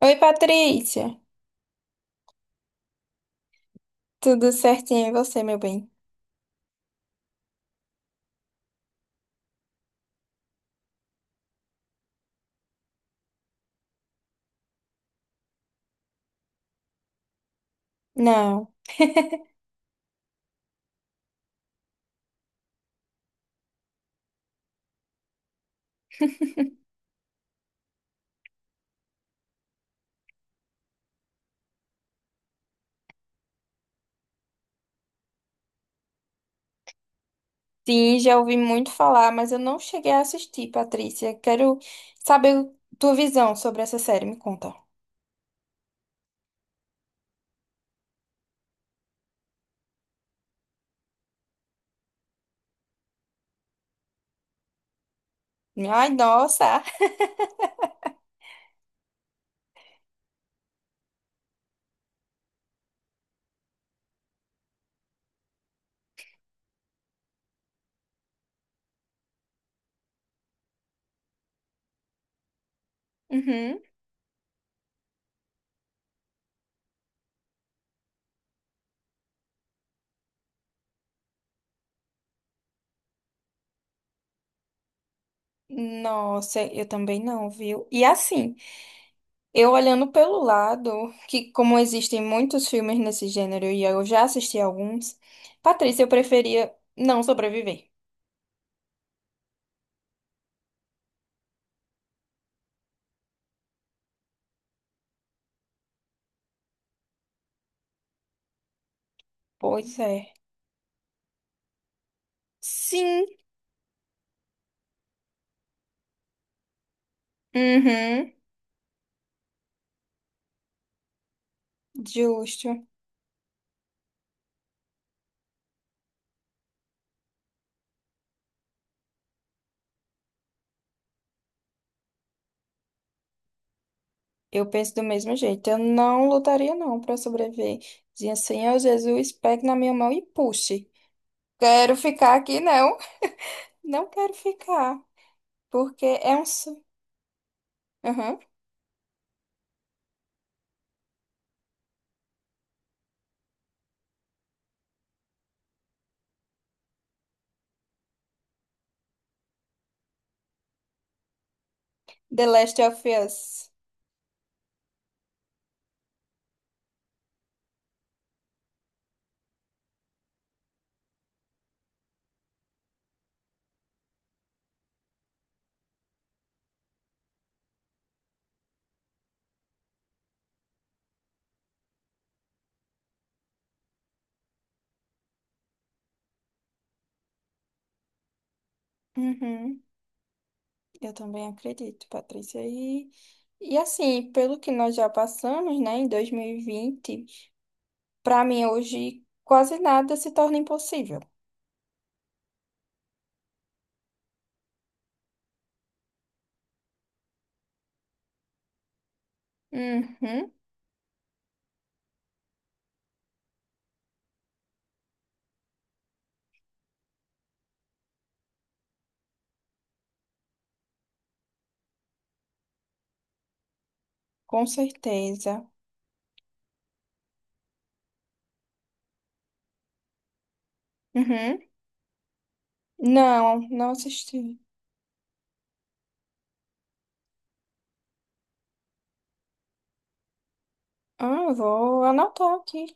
Oi, Patrícia. Tudo certinho e você, meu bem? Não. Sim, já ouvi muito falar, mas eu não cheguei a assistir, Patrícia. Quero saber tua visão sobre essa série, me conta. Ai, nossa. Uhum. Nossa, eu também não, viu? E assim, eu olhando pelo lado, que como existem muitos filmes nesse gênero e eu já assisti alguns, Patrícia, eu preferia não sobreviver. Pois é. Sim. Uhum. Justo. Eu penso do mesmo jeito. Eu não lutaria, não, para sobreviver. Dizia, Senhor Jesus, pegue na minha mão e puxe. Quero ficar aqui, não. Não quero ficar. Porque é um. Su- Uhum. The Last of Us. Uhum. Eu também acredito, Patrícia. E assim, pelo que nós já passamos, né, em 2020, para mim hoje quase nada se torna impossível. Uhum. Com certeza. Uhum. Não, não assisti. Ah, eu vou anotar aqui.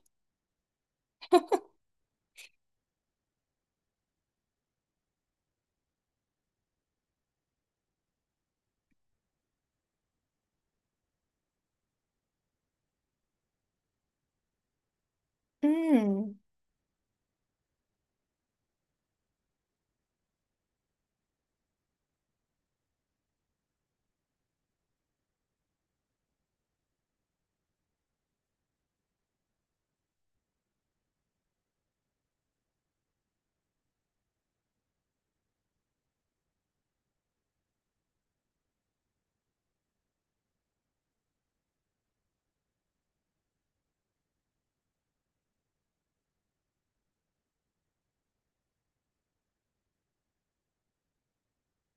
Hum,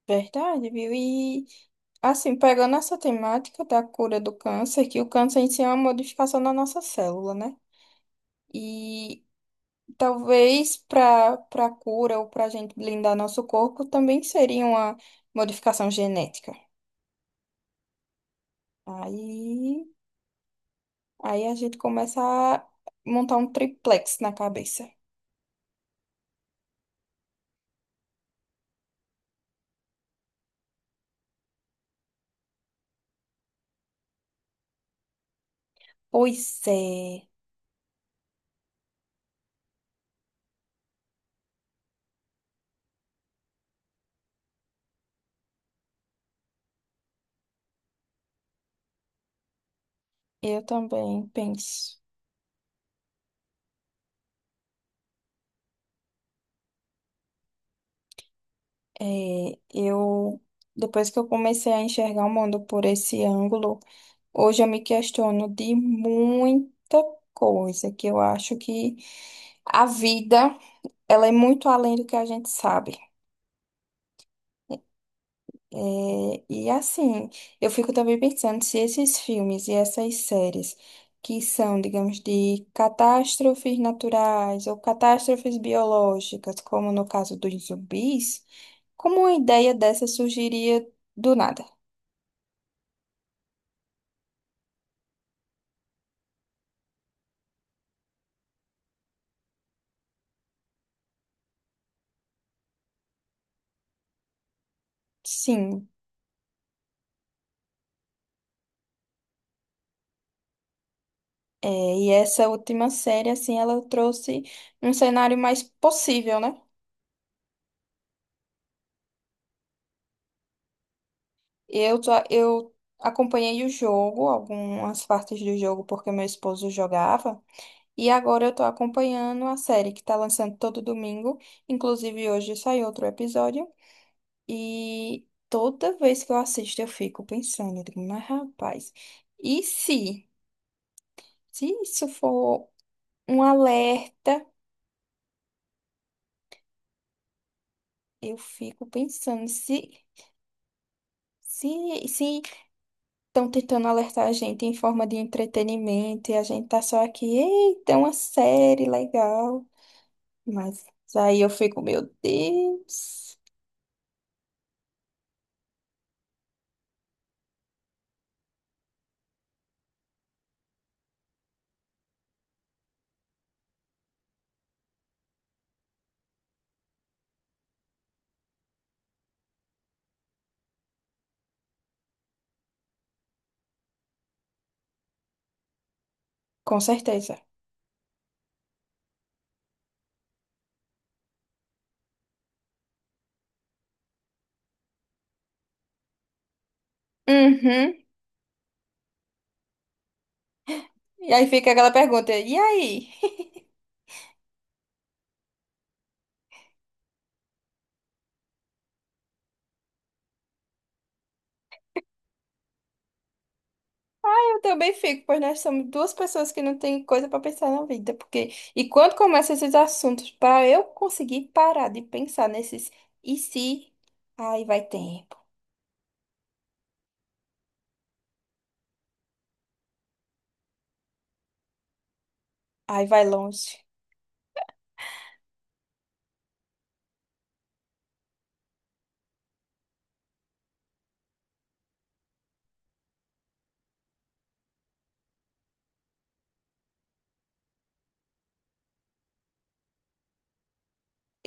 verdade, viu? E assim, pegando essa temática da cura do câncer, que o câncer em si é uma modificação na nossa célula, né? E talvez para cura ou para a gente blindar nosso corpo também seria uma modificação genética. Aí, aí a gente começa a montar um triplex na cabeça. Pois é, eu também penso. Eu depois que eu comecei a enxergar o mundo por esse ângulo, hoje eu me questiono de muita coisa que eu acho que a vida, ela é muito além do que a gente sabe. É, e assim, eu fico também pensando se esses filmes e essas séries que são, digamos, de catástrofes naturais ou catástrofes biológicas, como no caso dos zumbis, como uma ideia dessa surgiria do nada? Sim, é, e essa última série, assim, ela trouxe um cenário mais possível, né? Eu acompanhei o jogo, algumas partes do jogo, porque meu esposo jogava, e agora eu tô acompanhando a série que tá lançando todo domingo, inclusive hoje saiu outro episódio, e toda vez que eu assisto eu fico pensando, eu digo, mas rapaz, e se isso for um alerta, eu fico pensando, se. Se, se estão tentando alertar a gente em forma de entretenimento e a gente tá só aqui, eita, é uma série legal. Mas aí eu fico, meu Deus. Com certeza. Uhum. E aí fica aquela pergunta, e aí? Eu também fico, pois nós somos duas pessoas que não tem coisa pra pensar na vida, porque e quando começam esses assuntos, pra eu conseguir parar de pensar nesses e se, aí vai tempo, aí vai longe.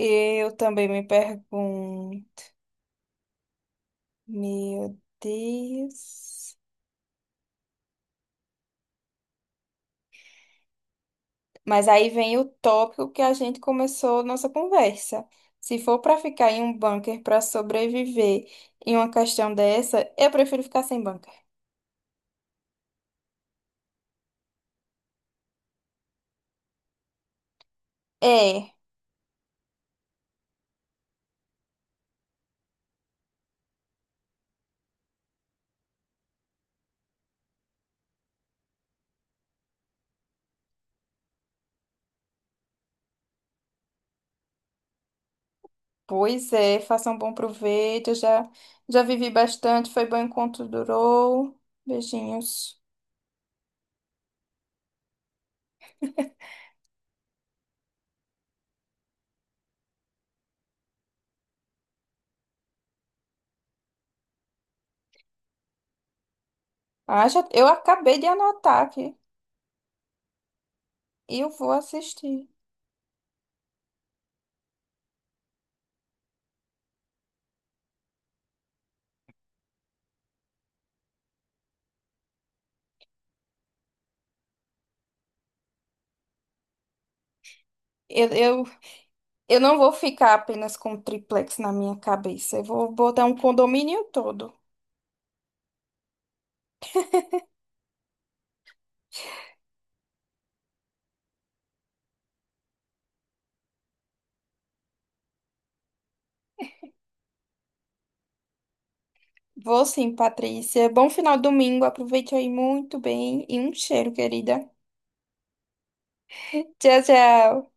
Eu também me pergunto, meu Deus. Mas aí vem o tópico que a gente começou nossa conversa. Se for para ficar em um bunker para sobreviver em uma questão dessa, eu prefiro ficar sem bunker. É, pois é, faça um bom proveito. Eu já vivi bastante, foi bom enquanto durou. Beijinhos. Ah, já, eu acabei de anotar aqui. Eu vou assistir. Eu, eu Eu não vou ficar apenas com o triplex na minha cabeça. Eu vou botar um condomínio todo. Vou sim, Patrícia. Bom final de domingo. Aproveite aí muito bem. E um cheiro, querida. Tchau, tchau.